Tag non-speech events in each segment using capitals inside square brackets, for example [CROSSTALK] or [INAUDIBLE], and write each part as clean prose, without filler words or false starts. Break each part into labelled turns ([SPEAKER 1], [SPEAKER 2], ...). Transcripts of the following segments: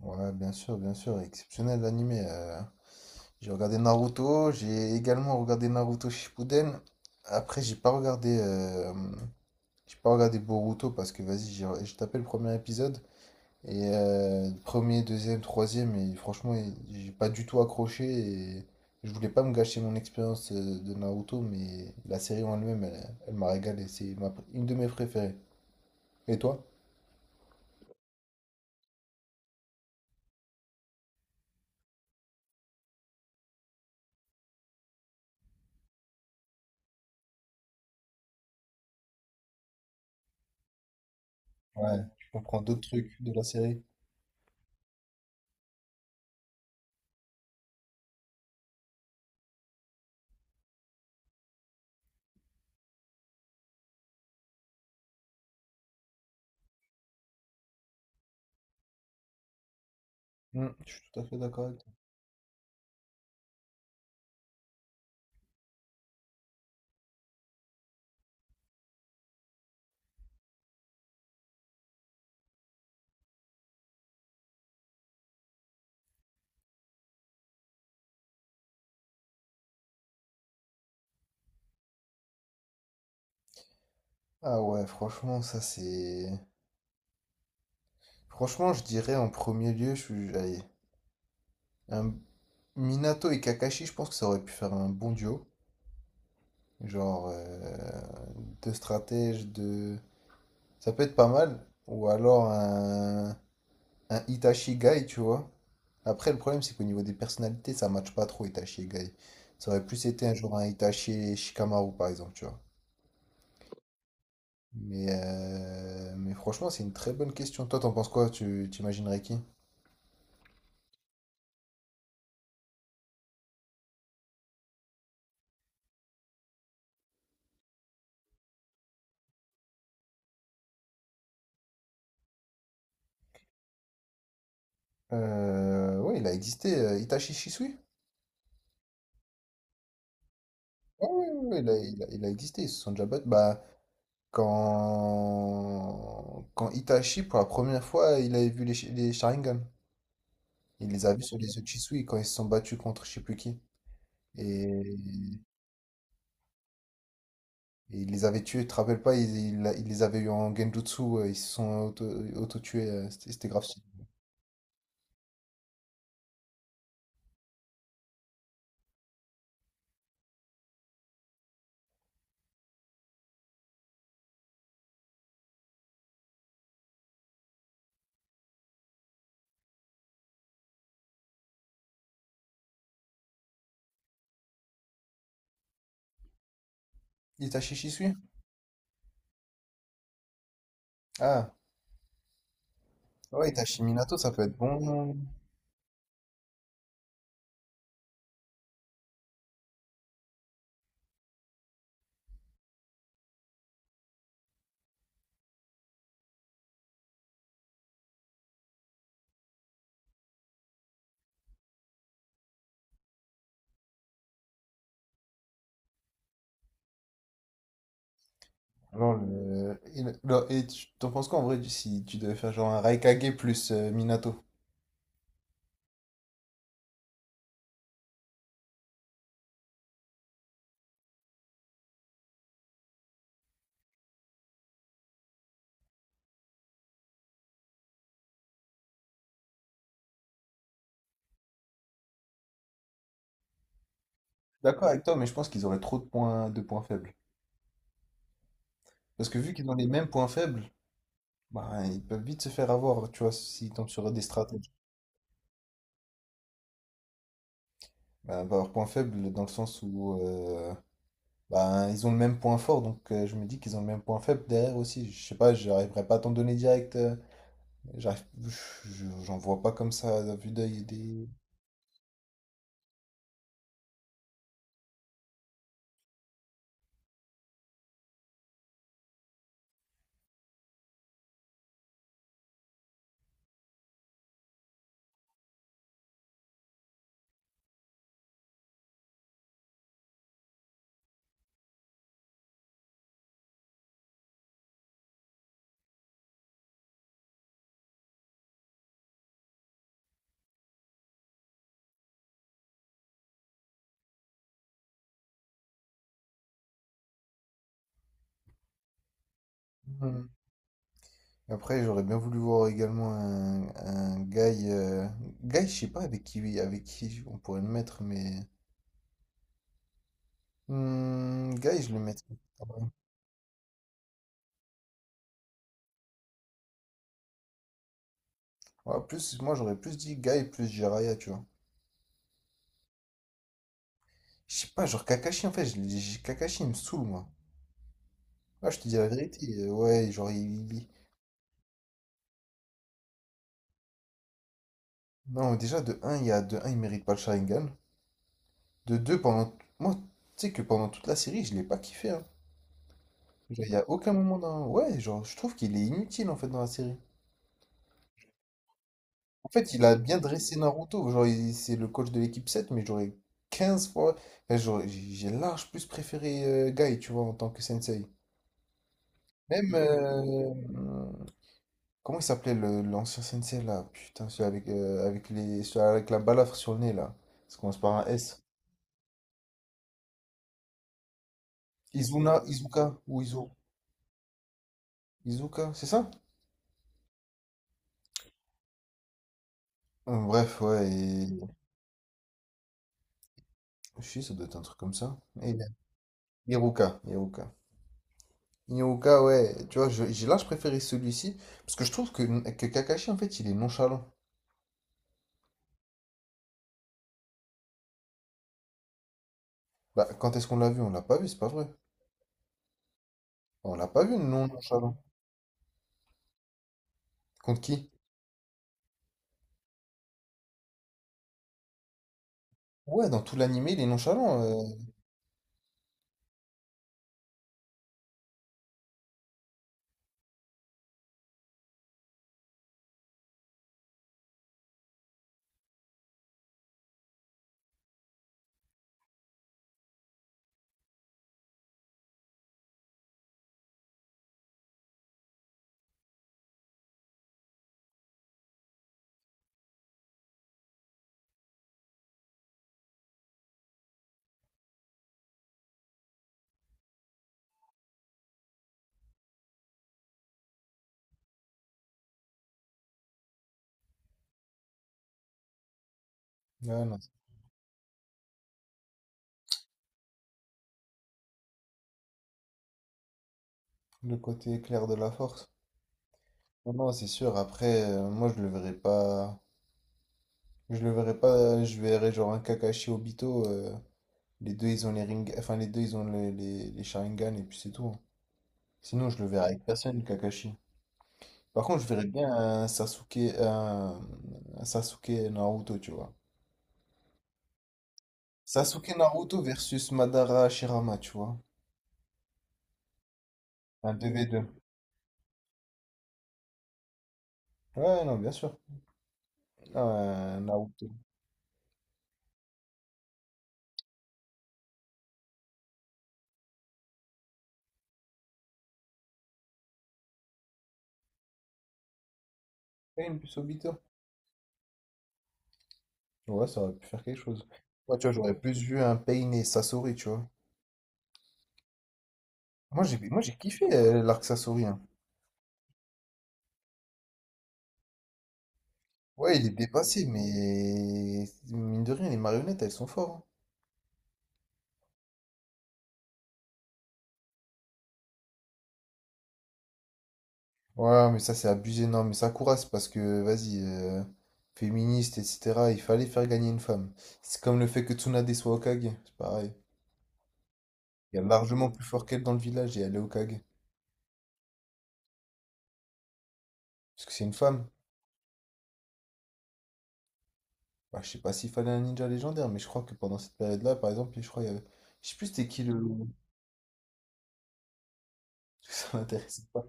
[SPEAKER 1] Ouais, bien sûr, exceptionnel l'animé. J'ai regardé Naruto, j'ai également regardé Naruto Shippuden. Après, j'ai pas regardé Boruto parce que vas-y, j'ai tapé le premier épisode et premier, deuxième, troisième et franchement, j'ai pas du tout accroché et je voulais pas me gâcher mon expérience de Naruto, mais la série en elle-même, elle m'a régalé. C'est une de mes préférées. Et toi? Ouais, tu comprends d'autres trucs de la série. Je suis tout à fait d'accord avec. Ah ouais, franchement, ça c'est. Franchement, je dirais en premier lieu, je suis. Allez, un… Minato et Kakashi, je pense que ça aurait pu faire un bon duo. Genre, deux stratèges, de. Ça peut être pas mal. Ou alors un Itachi Guy, tu vois. Après, le problème, c'est qu'au niveau des personnalités, ça matche pas trop Itachi et Guy. Ça aurait plus été un genre un Itachi et Shikamaru, par exemple, tu vois. Mais franchement, c'est une très bonne question. Toi, t'en penses quoi? Tu t'imaginerais qui? Ouais, il a existé, Itachi Shisui? Oui, ouais, ouais, il a existé, ils se sont déjà battus. Bah, quand Itachi, pour la première fois, il avait vu les, les Sharingan. Il les a vus sur les yeux de Shisui quand ils se sont battus contre je sais plus qui. Et, et il les avait tués, tu te rappelles pas, il les avait eu en Genjutsu, ils se sont auto tués, c'était grave. Stylé. Itachi Shisui? Ah, ouais, Itachi Minato, ça peut être bon. Non, et tu t'en penses quoi en vrai si tu devais faire genre un Raikage plus Minato? D'accord avec toi, mais je pense qu'ils auraient trop de points, faibles. Parce que vu qu'ils ont les mêmes points faibles, bah, ils peuvent vite se faire avoir, tu vois, s'ils tombent sur des stratèges. Bah, leurs points faibles dans le sens où bah, ils ont le même point fort, donc je me dis qu'ils ont le même point faible derrière aussi. Je sais pas, j'arriverai pas à t'en donner direct. J'arrive, j'en vois pas comme ça à vue d'œil des… Après, j'aurais bien voulu voir également un, Guy. Guy, je sais pas avec qui on pourrait le mettre, mais. Guy, je le mettrais. Ah ouais. Ouais, plus, moi, j'aurais plus dit Guy plus Jiraya, tu vois. Je sais pas, genre Kakashi, en fait, Kakashi, il me saoule, moi. Là, je te dis la vérité. Ouais, genre, il. Il- non, déjà, de un il mérite pas le Sharingan. De 2 pendant. Moi, tu sais que pendant toute la série, je l'ai pas kiffé, hein. Genre, il y a aucun moment dans. Ouais, genre, je trouve qu'il est inutile, en fait, dans la série. En fait, il a bien dressé Naruto. Genre, c'est le coach de l'équipe 7, mais j'aurais 15 fois. Enfin, j'ai large plus préféré Guy, tu vois, en tant que sensei. Même. Comment il s'appelait l'ancien sensei là? Putain, celui avec la balafre sur le nez là. Ça commence par un S. Izuna, Izuka ou Izu. Izuka, c'est ça? Bref, ouais. Et… Je sais, ça doit être un truc comme ça. Et… Iruka, Iruka. Yoga, ouais, tu vois, je préférais celui-ci, parce que je trouve que, Kakashi, en fait, il est nonchalant. Bah, quand est-ce qu'on l'a vu? On l'a pas vu, c'est pas vrai. On l'a pas vu, non nonchalant. Contre qui? Ouais, dans tout l'animé, il est nonchalant. Ouais, non, c'est le côté clair de la force. Non, non, c'est sûr, après, moi, je le verrai pas… Je le verrai pas, je verrai genre un Kakashi Obito, les deux, ils ont Enfin, les deux, ils ont les Sharingan, et puis c'est tout, hein. Sinon, je le verrai avec personne, Kakashi. Par contre, je verrais bien un Sasuke Naruto, tu vois. Sasuke Naruto versus Madara Shirama, tu vois. Un 2v2. Ouais, non, bien sûr. Un Naruto. Pain plus Obito. Ouais, ça aurait pu faire quelque chose. Ouais, tu vois, j'aurais plus vu un Pain et Sasori, tu vois. Moi, j'ai kiffé l'arc Sasori, hein. Ouais, il est dépassé, mais mine de rien, les marionnettes, elles sont fortes, hein. Ouais, mais ça c'est abusé, non, mais ça courasse parce que, vas-y, féministe, etc., il fallait faire gagner une femme. C'est comme le fait que Tsunade soit Hokage, c'est pareil. Il y a largement plus fort qu'elle dans le village et elle est Hokage. Parce que c'est une femme. Bah, je sais pas s'il fallait un ninja légendaire, mais je crois que pendant cette période-là, par exemple, je crois qu'il y avait… Je sais plus c'était qui le… [LAUGHS] Ça m'intéresse pas.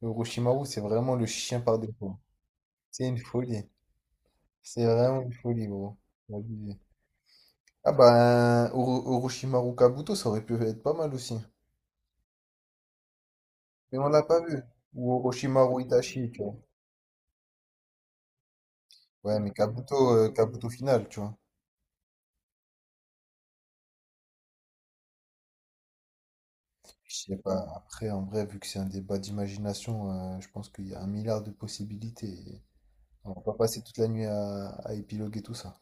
[SPEAKER 1] Le Orochimaru, c'est vraiment le chien par défaut. C'est une folie. C'est vraiment une folie, gros. C'est abusé. Ah bah, un Orochimaru Kabuto, ça aurait pu être pas mal aussi. Mais on l'a pas vu. Ou Orochimaru Itachi, tu vois. Ouais, mais Kabuto final, tu vois. Je sais pas. Après, en vrai, vu que c'est un débat d'imagination, je pense qu'il y a un milliard de possibilités. Et on va pas passer toute la nuit à épiloguer tout ça.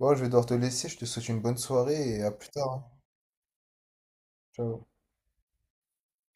[SPEAKER 1] Bon, je vais devoir te laisser. Je te souhaite une bonne soirée et à plus tard, hein. Ciao.